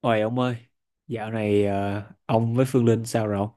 Ôi ông ơi, dạo này ông với Phương Linh sao rồi ông?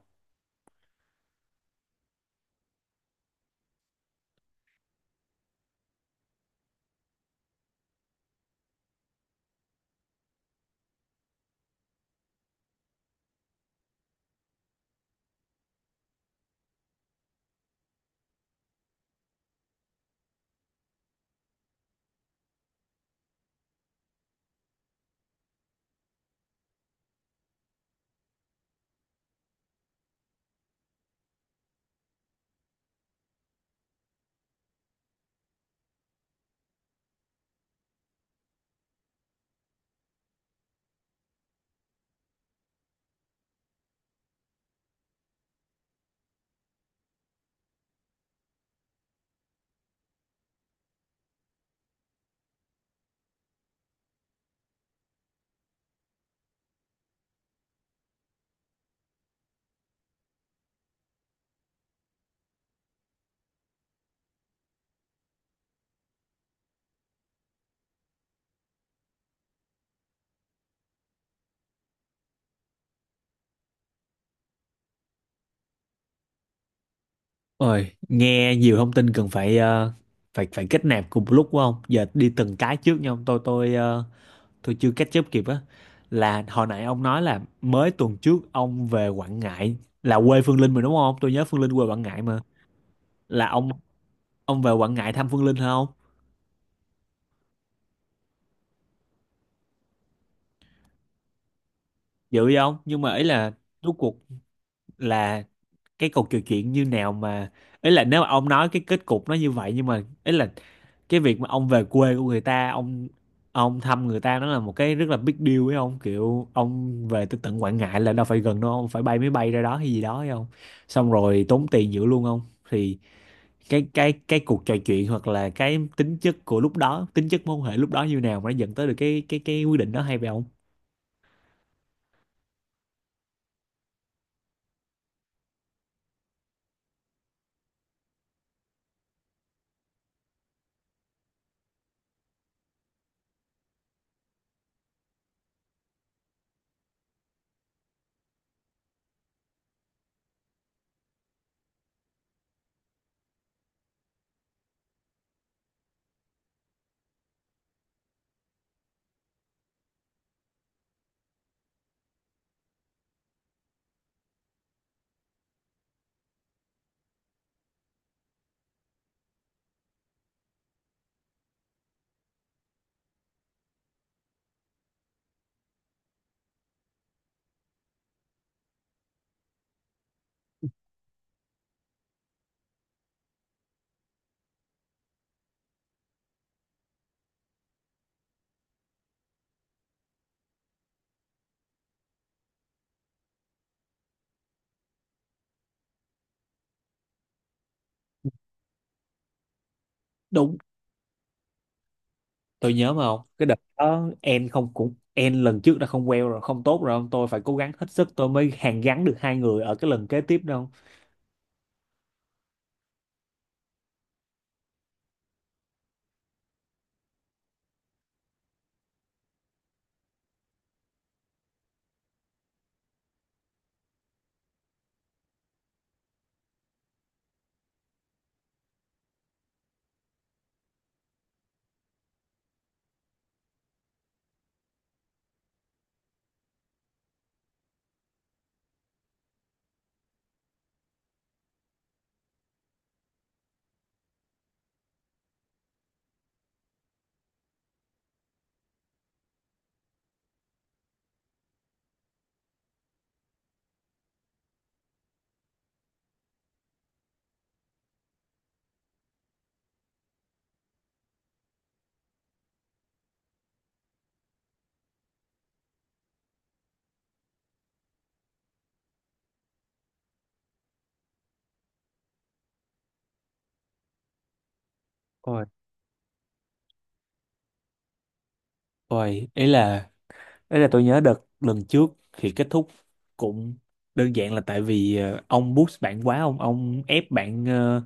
Ôi, nghe nhiều thông tin cần phải phải phải kết nạp cùng một lúc quá không? Giờ đi từng cái trước nha ông. Tôi chưa catch up kịp á. Là hồi nãy ông nói là mới tuần trước ông về Quảng Ngãi là quê Phương Linh mà đúng không? Tôi nhớ Phương Linh quê Quảng Ngãi mà. Là ông về Quảng Ngãi thăm Phương Linh hả không? Dữ vậy không? Nhưng mà ý là rốt cuộc là cái cục trò chuyện như nào mà, ấy là nếu mà ông nói cái kết cục nó như vậy, nhưng mà ấy là cái việc mà ông về quê của người ta, ông thăm người ta, nó là một cái rất là big deal ấy ông, kiểu ông về tới tận Quảng Ngãi là đâu phải gần đâu, ông phải bay máy bay ra đó hay gì đó ấy không, xong rồi tốn tiền dữ luôn không. Thì cái cuộc trò chuyện hoặc là cái tính chất của lúc đó, tính chất mối quan hệ lúc đó như nào mà nó dẫn tới được cái quyết định đó hay vậy không. Tôi nhớ mà không, cái đợt đó em không, cũng em lần trước đã không queo rồi không tốt rồi không, tôi phải cố gắng hết sức tôi mới hàn gắn được hai người ở cái lần kế tiếp đâu. Ôi, ôi, ý là tôi nhớ đợt lần trước thì kết thúc cũng đơn giản là tại vì ông push bạn quá ông ép bạn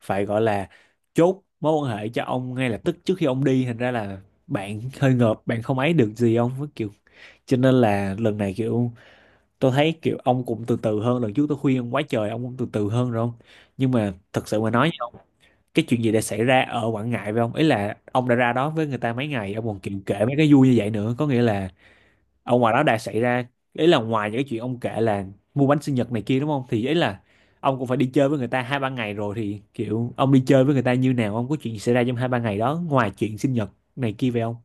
phải gọi là chốt mối quan hệ cho ông ngay lập tức trước khi ông đi, thành ra là bạn hơi ngợp, bạn không ấy được gì ông với kiểu. Cho nên là lần này kiểu tôi thấy kiểu ông cũng từ từ hơn lần trước, tôi khuyên ông quá trời ông cũng từ từ hơn rồi không. Nhưng mà thật sự mà nói với ông, cái chuyện gì đã xảy ra ở Quảng Ngãi với ông, ý là ông đã ra đó với người ta mấy ngày ông còn kiểu kể mấy cái vui như vậy nữa, có nghĩa là ở ngoài đó đã xảy ra, ý là ngoài những cái chuyện ông kể là mua bánh sinh nhật này kia đúng không, thì ý là ông cũng phải đi chơi với người ta hai ba ngày rồi, thì kiểu ông đi chơi với người ta như nào, ông có chuyện gì xảy ra trong hai ba ngày đó ngoài chuyện sinh nhật này kia về ông.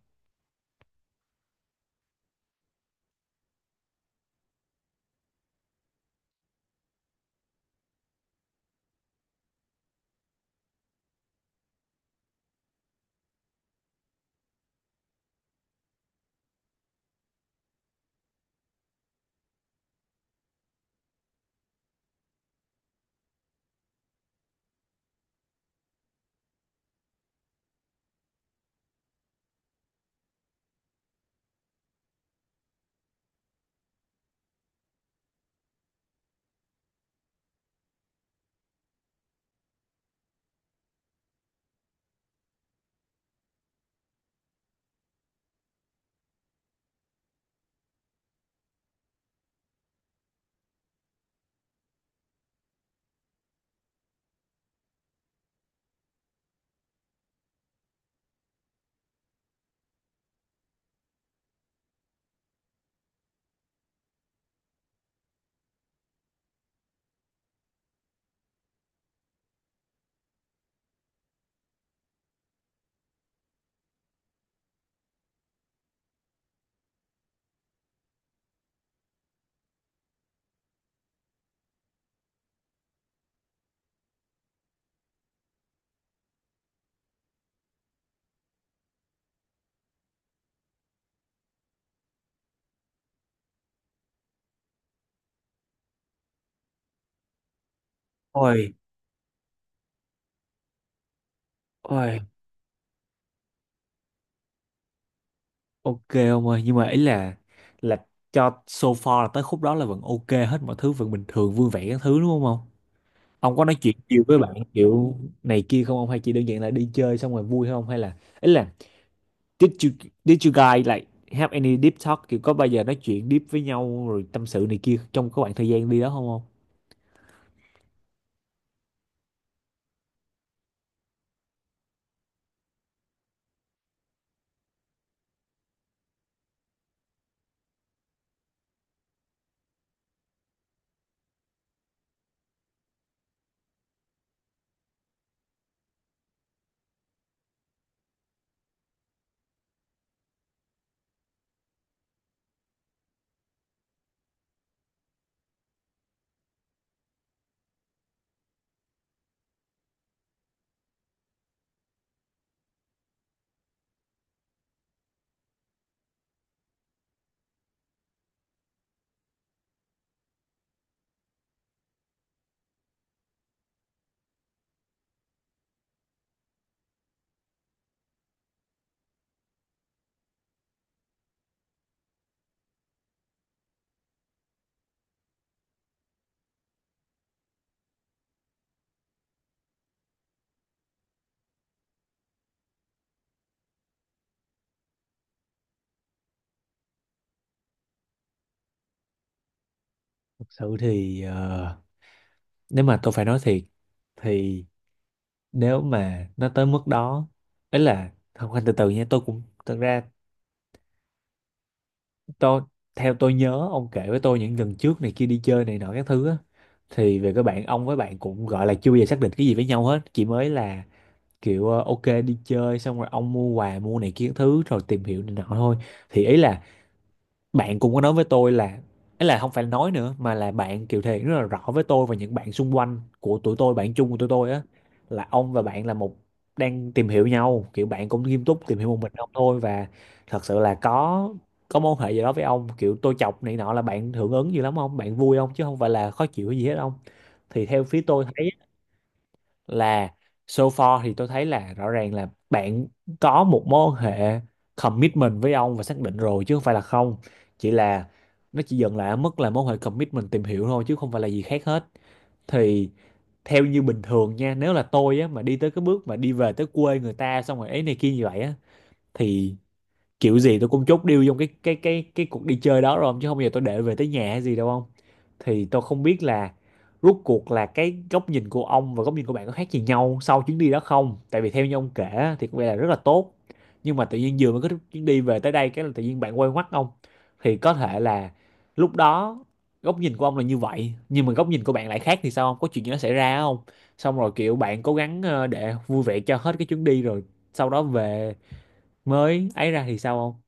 Ôi, ôi. Ok ông ơi, nhưng mà ý là cho so far là tới khúc đó là vẫn ok hết, mọi thứ vẫn bình thường vui vẻ các thứ đúng không ông? Ông có nói chuyện nhiều với bạn kiểu này kia không ông, hay chỉ đơn giản là đi chơi xong rồi vui không, hay là ý là did you did you guys like have any deep talk, kiểu có bao giờ nói chuyện deep với nhau rồi tâm sự này kia trong cái khoảng thời gian đi đó không ông? Thật sự thì nếu mà tôi phải nói thiệt thì nếu mà nó tới mức đó ấy là không, anh từ từ nha. Tôi cũng thật ra tôi theo tôi nhớ ông kể với tôi những lần trước này kia đi chơi này nọ các thứ á, thì về các bạn ông với bạn cũng gọi là chưa bao giờ xác định cái gì với nhau hết, chỉ mới là kiểu ok đi chơi xong rồi ông mua quà mua này kia các thứ rồi tìm hiểu này nọ thôi. Thì ý là bạn cũng có nói với tôi là, ấy là không phải nói nữa mà là bạn Kiều Thiện rất là rõ với tôi và những bạn xung quanh của tụi tôi, bạn chung của tụi tôi á, là ông và bạn là một đang tìm hiểu nhau, kiểu bạn cũng nghiêm túc tìm hiểu một mình ông thôi và thật sự là có mối hệ gì đó với ông, kiểu tôi chọc này nọ là bạn hưởng ứng gì lắm không, bạn vui không, chứ không phải là khó chịu hay gì hết không. Thì theo phía tôi thấy là so far thì tôi thấy là rõ ràng là bạn có một mối quan hệ commitment với ông và xác định rồi chứ không phải là không, chỉ là nó chỉ dừng lại ở mức là mối quan hệ commitment tìm hiểu thôi chứ không phải là gì khác hết. Thì theo như bình thường nha, nếu là tôi á mà đi tới cái bước mà đi về tới quê người ta xong rồi ấy này kia như vậy á, thì kiểu gì tôi cũng chốt deal trong cái cuộc đi chơi đó rồi ông, chứ không bao giờ tôi để về tới nhà hay gì đâu ông. Thì tôi không biết là rốt cuộc là cái góc nhìn của ông và góc nhìn của bạn có khác gì nhau sau chuyến đi đó không, tại vì theo như ông kể á, thì có vẻ là rất là tốt, nhưng mà tự nhiên vừa mới có chuyến đi về tới đây cái là tự nhiên bạn quay ngoắt ông. Thì có thể là lúc đó góc nhìn của ông là như vậy nhưng mà góc nhìn của bạn lại khác, thì sao không, có chuyện gì nó xảy ra không, xong rồi kiểu bạn cố gắng để vui vẻ cho hết cái chuyến đi rồi sau đó về mới ấy ra thì sao không.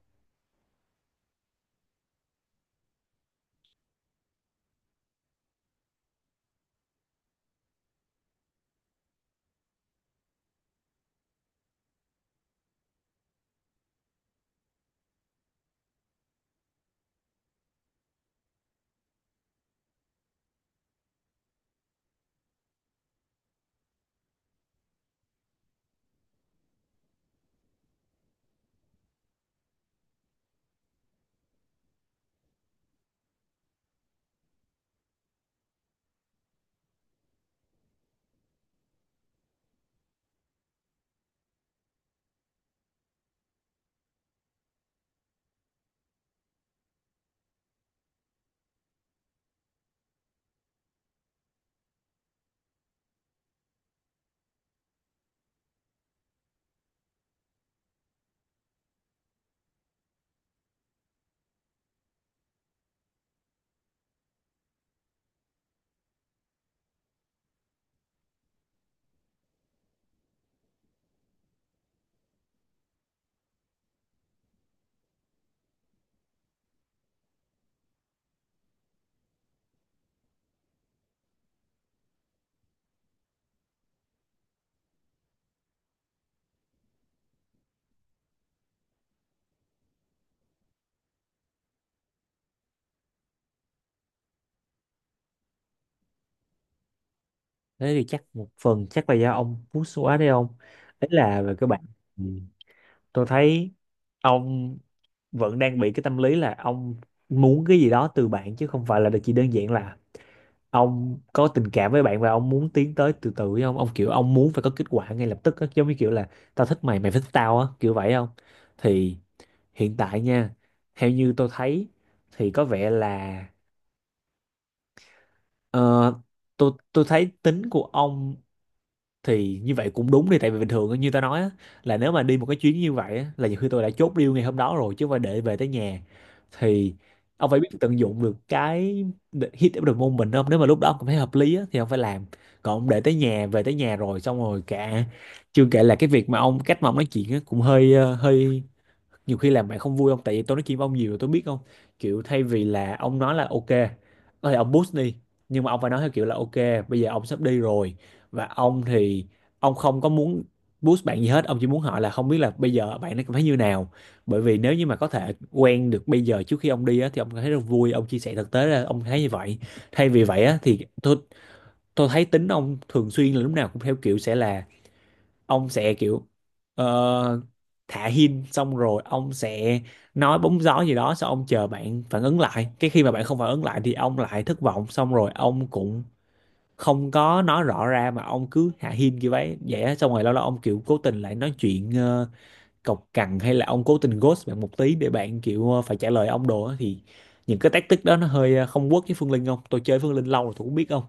Thế thì chắc một phần chắc là do ông push quá đấy ông, đấy là về các bạn. Ừ, tôi thấy ông vẫn đang bị cái tâm lý là ông muốn cái gì đó từ bạn chứ không phải là chỉ đơn giản là ông có tình cảm với bạn và ông muốn tiến tới từ từ với ông kiểu ông muốn phải có kết quả ngay lập tức á, giống như kiểu là tao thích mày mày phải thích tao á kiểu vậy không. Thì hiện tại nha, theo như tôi thấy thì có vẻ là ờ, tôi thấy tính của ông thì như vậy cũng đúng đi, tại vì bình thường á, như ta nói á, là nếu mà đi một cái chuyến như vậy á, là nhiều khi tôi đã chốt deal ngày hôm đó rồi chứ không phải để về tới nhà. Thì ông phải biết tận dụng được cái hit of the moment đó. Nếu mà lúc đó ông cảm thấy hợp lý á, thì ông phải làm. Còn ông để tới nhà, về tới nhà rồi xong rồi cả, chưa kể là cái việc mà ông cách mà ông nói chuyện á, cũng hơi nhiều khi làm bạn không vui không, tại vì tôi nói chuyện với ông nhiều rồi tôi biết không. Kiểu thay vì là ông nói là ok có thể ông boost đi, nhưng mà ông phải nói theo kiểu là ok bây giờ ông sắp đi rồi và ông thì ông không có muốn boost bạn gì hết, ông chỉ muốn hỏi là không biết là bây giờ bạn nó cảm thấy như nào, bởi vì nếu như mà có thể quen được bây giờ trước khi ông đi á, thì ông cảm thấy rất vui, ông chia sẻ thực tế là ông thấy như vậy. Thay vì vậy á, thì tôi thấy tính ông thường xuyên là lúc nào cũng theo kiểu sẽ là ông sẽ kiểu ờ, thả hint xong rồi ông sẽ nói bóng gió gì đó, xong ông chờ bạn phản ứng lại, cái khi mà bạn không phản ứng lại thì ông lại thất vọng, xong rồi ông cũng không có nói rõ ra mà ông cứ hạ hint như vậy vậy á. Xong rồi lâu lâu ông kiểu cố tình lại nói chuyện cộc cằn hay là ông cố tình ghost bạn một tí để bạn kiểu phải trả lời ông đồ á. Thì những cái tactic đó nó hơi không work với Phương Linh không, tôi chơi Phương Linh lâu rồi tôi cũng biết không.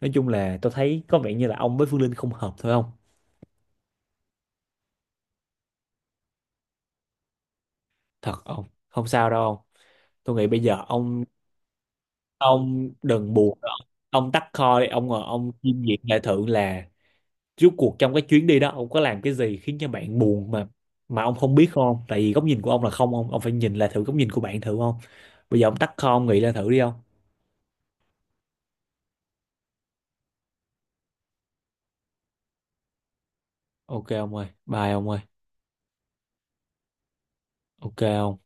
Nói chung là tôi thấy có vẻ như là ông với Phương Linh không hợp thôi không. Thật ông không sao đâu ông, tôi nghĩ bây giờ ông đừng buồn nữa. Ông tắt call đi, ông ngồi ông chiêm nghiệm lại thử là rốt cuộc trong cái chuyến đi đó ông có làm cái gì khiến cho bạn buồn mà ông không biết không, tại vì góc nhìn của ông là không, ông ông phải nhìn lại thử góc nhìn của bạn thử không. Bây giờ ông tắt call ông nghĩ lại thử đi ông. Ok ông ơi, bye ông ơi. Ok ông.